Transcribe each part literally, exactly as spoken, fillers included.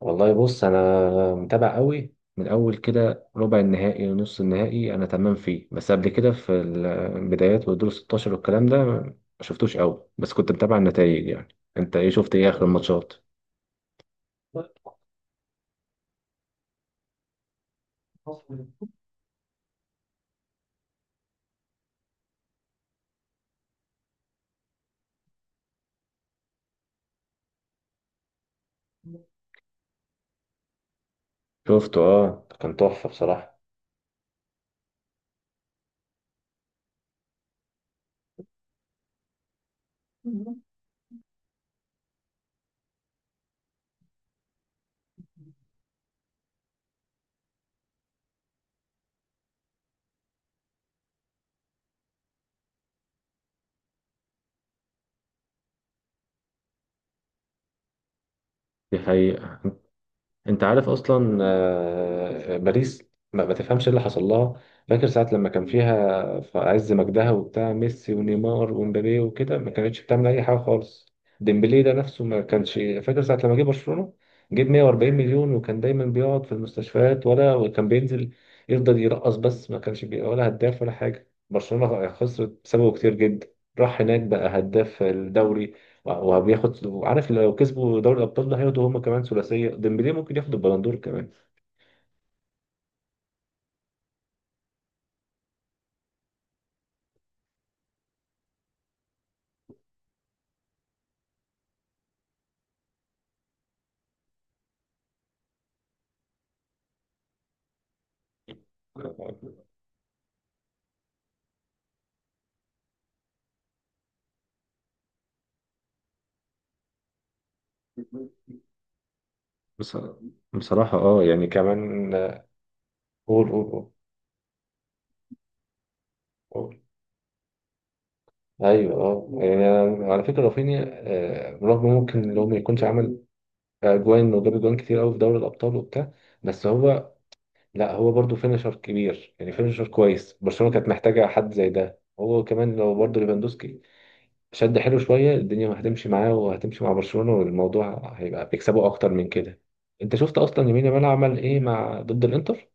والله بص انا متابع قوي من اول كده، ربع النهائي ونص النهائي انا تمام فيه، بس قبل كده في البدايات والدور ستاشر والكلام ده ما شفتوش قوي، بس كنت متابع النتائج يعني. انت ايه شفت ايه اخر الماتشات؟ شفته اه، كان تحفة بصراحة. دي حقيقة. انت عارف اصلا، آه، باريس ما, ما تفهمش ايه اللي حصل لها. فاكر ساعة لما كان فيها في عز مجدها وبتاع ميسي ونيمار ومبابي وكده، ما كانتش بتعمل اي حاجة خالص. ديمبلي ده نفسه ما كانش. فاكر ساعة لما جه برشلونة جيب 140 مليون، وكان دايما بيقعد في المستشفيات، ولا وكان بينزل يفضل يرقص بس، ما كانش بي... ولا هداف ولا حاجة. برشلونة خسرت بسببه كتير جدا. راح هناك بقى هداف الدوري وبياخد، وعارف لو كسبوا دوري الابطال ده هياخدوا هم كمان ثلاثيه، ديمبلي ممكن ياخد البلندور كمان. بص- بصراحه اه، يعني كمان قول قول قول قول. ايوه اه، يعني أنا على فكره رافينيا، آه، رغم ممكن لو ما يكونش عمل اجوان، وجاب اجوان كتير قوي في دوري الابطال وبتاع. بس هو، لا هو برضه فينشر كبير يعني، فينشر كويس، برشلونه كانت محتاجه حد زي ده، هو كمان لو برضه ليفاندوسكي شد حلو شوية الدنيا هتمشي معاه وهتمشي مع برشلونة، والموضوع هيبقى بيكسبوا أكتر من كده. أنت شفت أصلا يمين يامال عمل إيه مع ضد الإنتر؟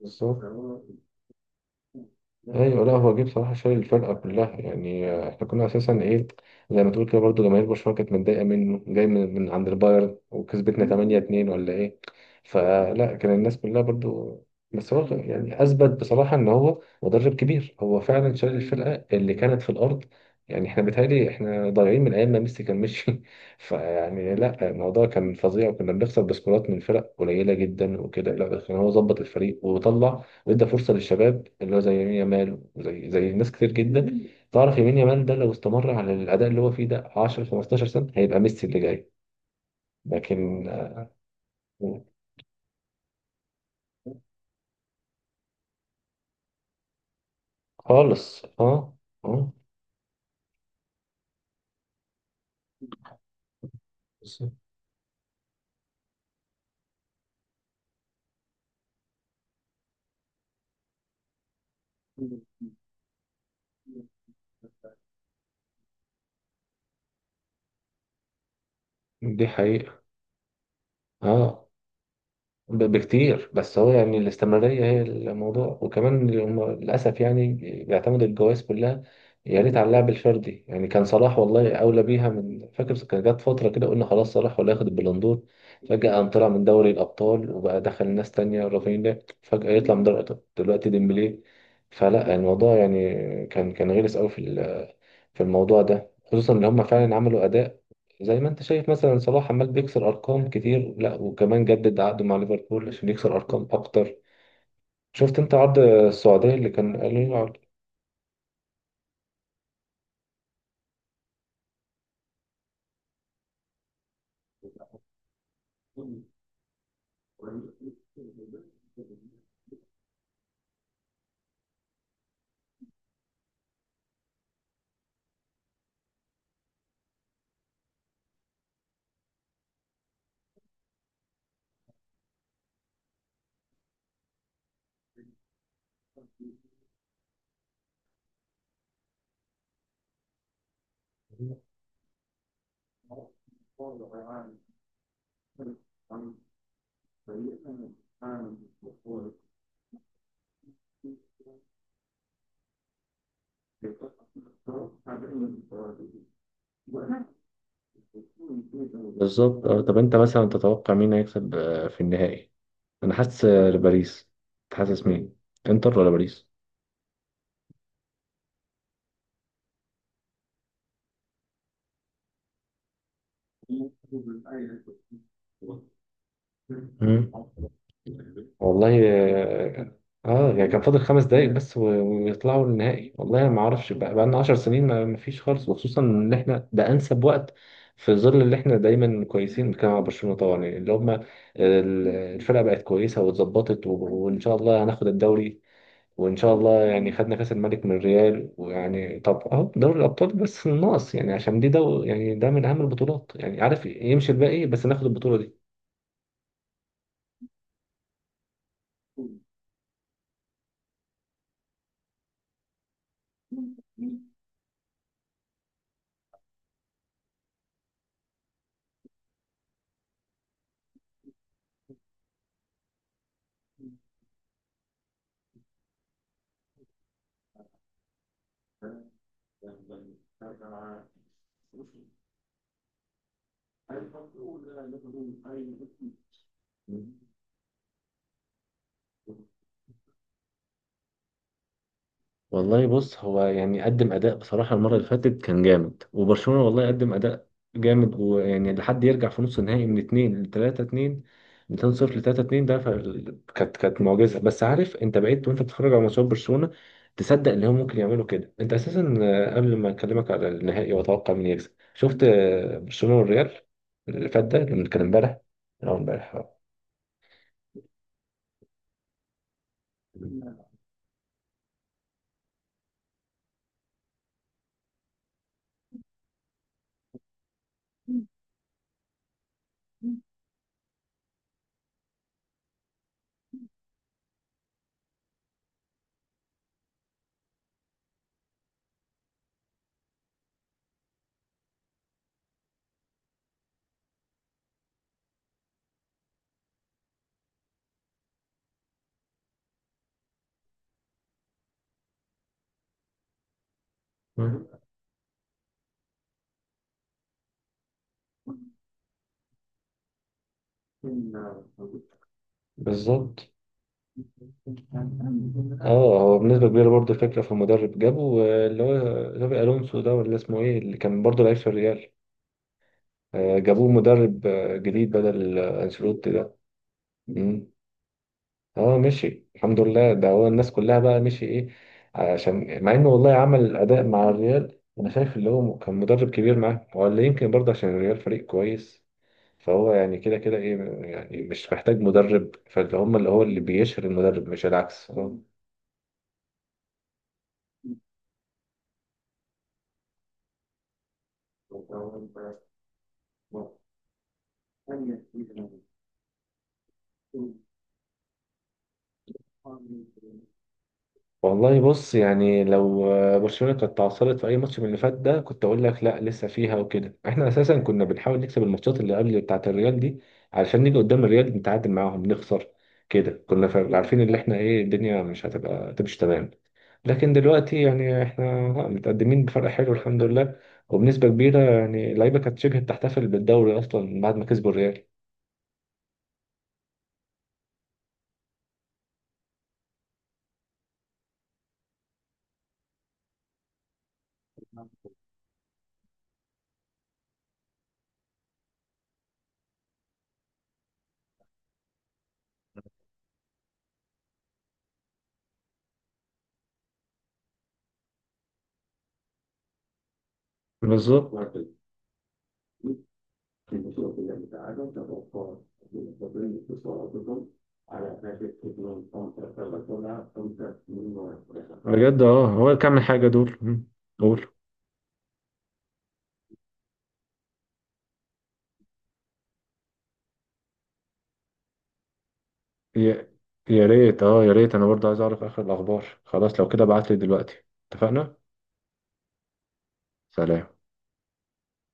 بالظبط. ايوه، لا هو جه بصراحه شايل الفرقه كلها يعني، آه، احنا كنا اساسا ايه، زي ما تقول كده برضه جماهير برشلونه كانت متضايقه منه، جاي من, من عند البايرن وكسبتنا ثمانية اثنين ولا ايه. فلا، كان الناس كلها برضه، بس هو يعني اثبت بصراحه ان هو مدرب كبير، هو فعلا شايل الفرقه اللي كانت في الارض. يعني احنا بيتهيألي احنا ضايعين من ايام ما ميسي كان مشي، فيعني لا الموضوع كان فظيع، وكنا بنخسر بسكورات من فرق قليله جدا وكده، لا كان هو ظبط الفريق وطلع، وادى فرصه للشباب اللي هو زي يمين يامال وزي زي ناس كتير جدا. تعرف يمين يامال ده لو استمر على الاداء اللي هو فيه ده عشرة خمستاشر سنه، هيبقى ميسي اللي جاي. لكن. آه. خالص اه. اه. دي حقيقه. اه ب- بكتير، بس هو يعني الاستمرارية هي الموضوع، وكمان هم للأسف يعني بيعتمدوا الجوائز كلها. يا ريت على اللعب الفردي، يعني كان صلاح والله أولى بيها من، فاكر كان جت فترة كده قلنا خلاص صلاح ولا ياخد البالون دور، فجأة قام طلع من دوري الأبطال، وبقى دخل ناس تانية، رافينيا فجأة يطلع من دوري الأبطال، دلوقتي ديمبلي. فلا الموضوع يعني كان كان غلس أوي في ال- في الموضوع ده، خصوصا إن هم فعلا عملوا أداء، زي ما انت شايف مثلا صلاح عمال بيكسر ارقام كتير، لا وكمان جدد عقده مع ليفربول عشان يكسر ارقام اكتر. شفت انت عرض السعودية اللي كان قالوا له عرض؟ بالظبط اه. طب انت مثلا تتوقع مين هيكسب، آه، في النهائي؟ انا حاسس، آه، باريس. أنت حاسس مين، انتر ولا باريس؟ مم. والله اه، آه، يعني كان فاضل خمس دقايق بس و- ويطلعوا النهائي، والله ما اعرفش، بقى لنا 10 سنين ما ما فيش خالص، وخصوصا ان احنا ده انسب وقت، في ظل اللي احنا دايما كويسين، بنتكلم على برشلونة طبعا، يعني اللي هم ال- الفرقة بقت كويسة واتظبطت، و- وان شاء الله هناخد الدوري. وان شاء الله يعني، خدنا كاس الملك من الريال، ويعني طب اهو دوري الابطال بس ناقص، يعني عشان دي دو يعني ده من اهم البطولات يعني، عارف يمشي الباقي بس ناخد البطولة دي. والله بص، هو يعني قدم اداء بصراحه، المره اللي فاتت كان جامد، وبرشلونه والله قدم اداء جامد، ويعني لحد يرجع في نص النهائي من اتنين ل تلاتة اتنين، من اتنين صفر ل ثلاثة اثنين ده ف- كانت كانت معجزه. بس عارف انت بقيت وانت بتتفرج على ماتشات برشلونه، تصدق ان هم ممكن يعملوا كده. انت اساسا، آه، قبل ما اكلمك على النهائي واتوقع مين يكسب، شفت، آه، برشلونه والريال اللي فات ده اللي كان امبارح، أو امبارح آه. بالظبط اه، هو بنسبة كبيرة برضه الفكرة في المدرب، جابوا، آه، اللي هو جابي ألونسو ده، ولا اسمه ايه، اللي كان برضه لعيب في الريال، آه، جابوه مدرب آه، جديد بدل آه، أنشيلوتي ده. مم. اه مشي الحمد لله، ده هو الناس كلها بقى مشي ايه، عشان مع انه والله عمل أداء مع الريال، أنا شايف اللي هو كان مدرب كبير معاه، هو اللي يمكن برضه عشان الريال فريق كويس، فهو يعني كده كده ايه، يعني مش محتاج مدرب، فاللي هم اللي هو اللي بيشهر المدرب مش العكس. والله بص يعني، لو آه، برشلونة كانت تعثرت في أي ماتش من اللي فات ده، كنت أقول لك لا لسه فيها وكده، إحنا أساسا كنا بنحاول نكسب الماتشات اللي قبل بتاعة الريال دي، علشان نيجي قدام الريال نتعادل معاهم نخسر كده، كنا فا- عارفين إن إحنا إيه، الدنيا مش هتبقى تمشي تمام. لكن دلوقتي يعني إحنا لا، متقدمين بفرق حلو الحمد لله، وبنسبة كبيرة يعني اللعيبة كانت شبه بتحتفل بالدوري أصلا بعد ما كسبوا الريال. بالظبط. بجد اه، هو اللي كام حاجة دول. مم. قول. يا يا ريت اه يا ريت، انا برضه عايز اعرف اخر الاخبار، خلاص لو كده ابعت لي دلوقتي، اتفقنا. سلام.